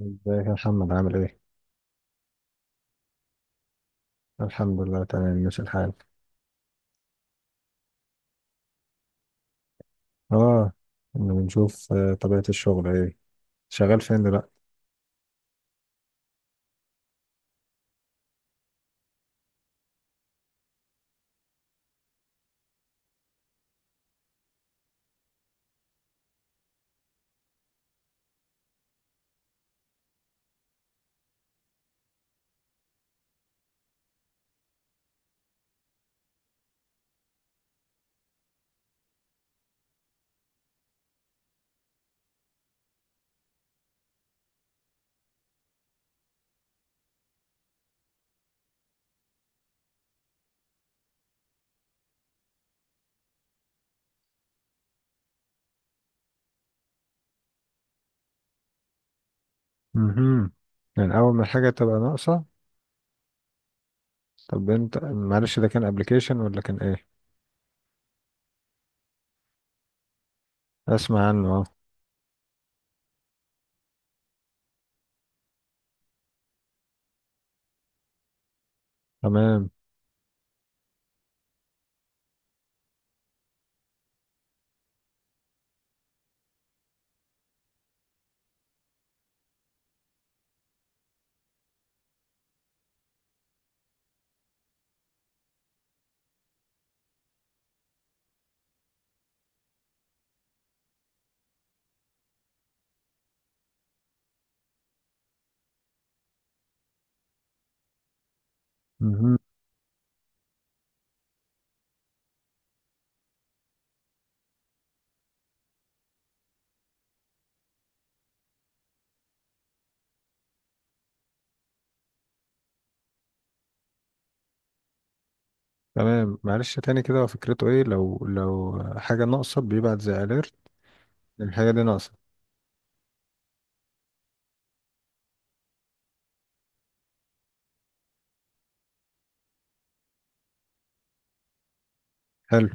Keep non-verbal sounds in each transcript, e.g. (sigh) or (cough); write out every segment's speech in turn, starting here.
ازيك يا محمد عامل ايه؟ الحمد لله تمام ماشي الحال. اه. إنه بنشوف طبيعة الشغل ايه. شغال فين دلوقتي؟ امم، يعني اول ما الحاجة تبقى ناقصة. طب انت معلش ده كان ابلكيشن ولا كان ايه؟ اسمع عنه اه. تمام. امم. تمام معلش تاني كده هو فكرته ايه لو حاجة ناقصة بيبعت زي اليرت الحاجة دي ناقصة. حلو.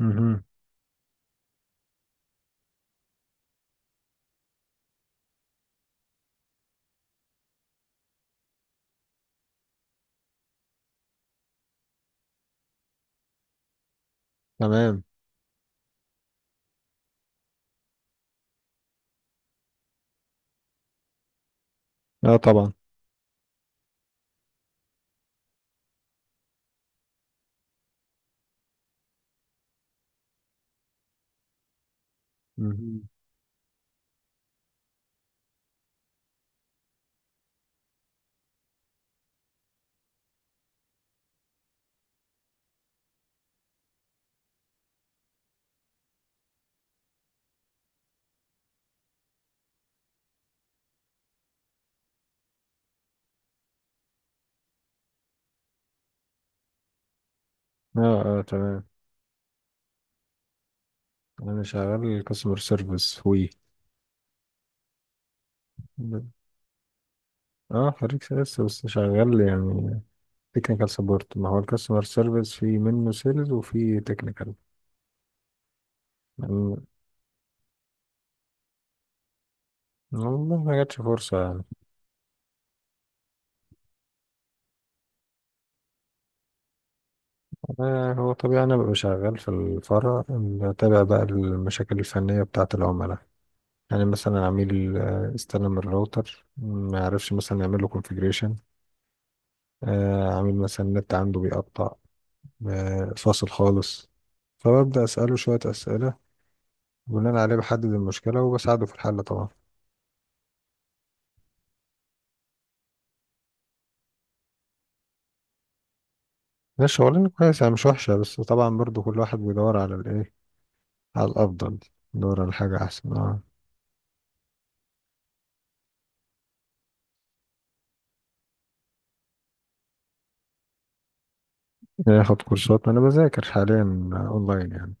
امم. تمام. اه طبعا. امم. اه اه تمام. انا شغال كاستمر سيرفيس وي. اه خريج سيلز بس شغال يعني تكنيكال سبورت، ما هو الكاستمر سيرفيس في منه سيلز وفي تكنيكال. يعني والله ما جاتش فرصة يعني. آه هو طبيعي، أنا ببقى شغال في الفرع بتابع بقى المشاكل الفنية بتاعة العملاء. يعني مثلا عميل استلم الراوتر ما عرفش مثلا يعمل له كونفيجريشن. عميل مثلا النت عنده بيقطع، فاصل خالص، فببدأ أسأله شوية أسئلة، بناء عليه بحدد المشكلة وبساعده في الحل طبعا. ده شغلانة كويسة مش وحشة، بس طبعا برضو كل واحد بيدور على الإيه، على الأفضل، بيدور على حاجة أحسن اه. ياخد كورسات، ما أنا بذاكر حاليا أونلاين يعني.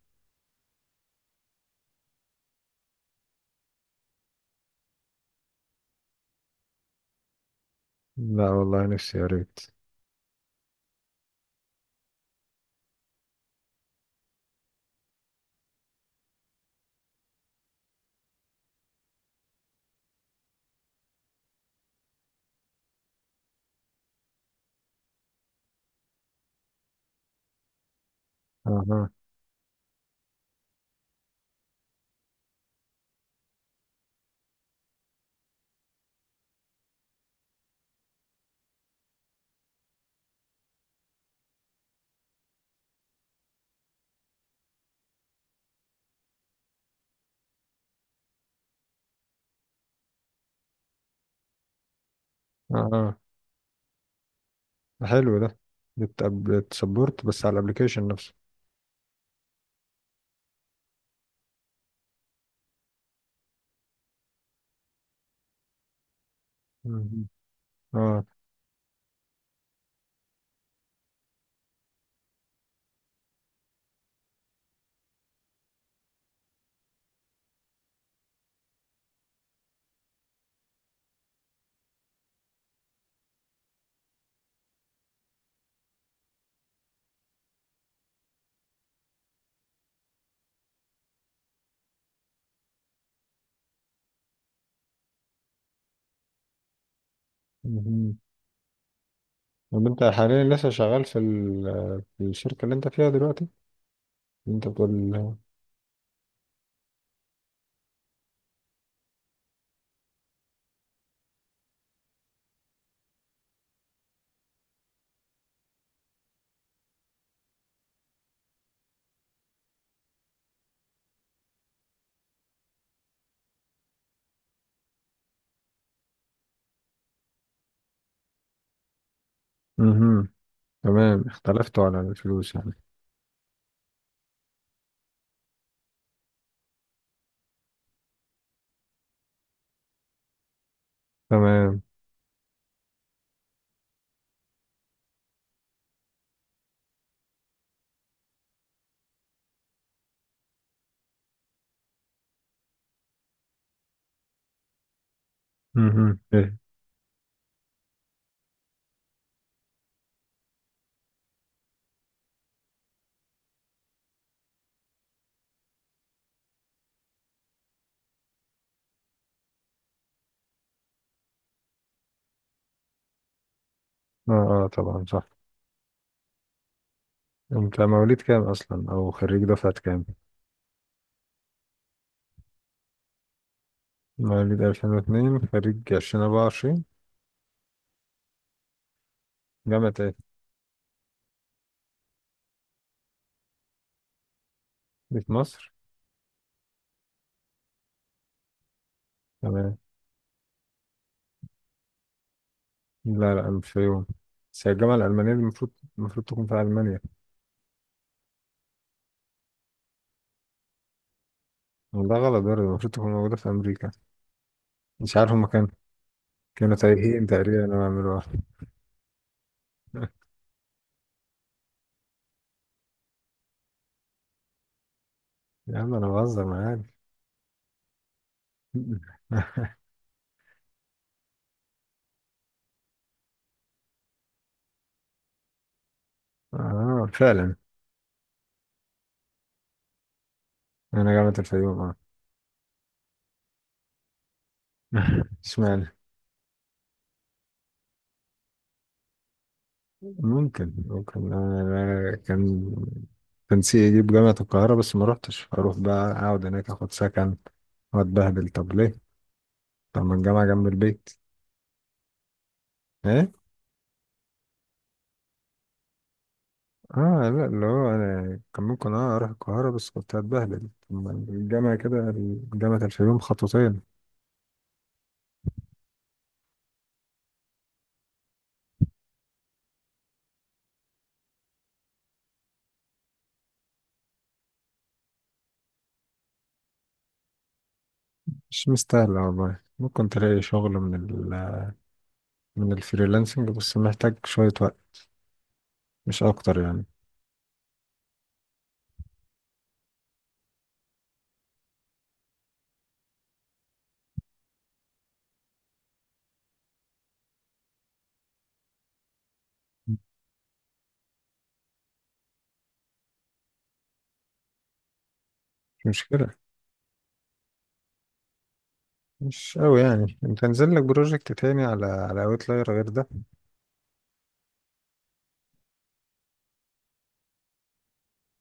لا والله نفسي يا ريت. أها. أها حلو ده، بتسبورت بس على الأبليكيشن نفسه. مهم. اه. مهم. طب أنت حاليا لسه شغال في، في الشركة اللي أنت فيها دلوقتي؟ اللي أنت بتقول. مهم. تمام، اختلفتوا على الفلوس يعني. تمام. مهم. إيه. اه اه طبعا صح. انت مواليد كام اصلا او خريج دفعة كام؟ مواليد 2002 خريج 2024. جامعة ايه؟ دي في مصر. تمام. لا لا مش في يوم، بس هي الجامعة الألمانية دي المفروض، المفروض تكون في ألمانيا. ده غلط برضه، المفروض تكون موجودة في أمريكا. مش عارف هما كانوا، كانوا تايهين تقريبا أنا بعملوها (laughs) يا عم أنا بهزر معاك. (laughs) اه فعلا. أنا جامعة الفيوم اه. (laughs) اشمعنى. ممكن ممكن، أنا كان، كان نفسي يجيب جامعة القاهرة بس ما روحتش، أروح بقى أقعد هناك أخد سكن وأتبهدل، طب ليه؟ طب ما الجامعة جنب البيت. إيه؟ آه لا، اللي هو أنا كان ممكن أه أروح القاهرة بس كنت هتبهدل، طب ما الجامعة كده، جامعة الفيوم خطوتين. مش مستاهلة والله. ممكن تلاقي شغل من من الفريلانسنج، بس محتاج شوية وقت مش أكتر يعني. مش مشكلة. مش أوي يعني، أنت نزل لك بروجكت تاني على أوتلاير غير ده؟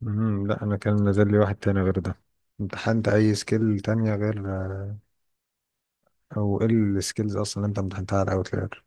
مم، لا انا كان نزل لي واحد تاني غير ده. امتحنت اي سكيل تانية غير، او ايه السكيلز اصلا اللي انت امتحنتها على اوتلاير؟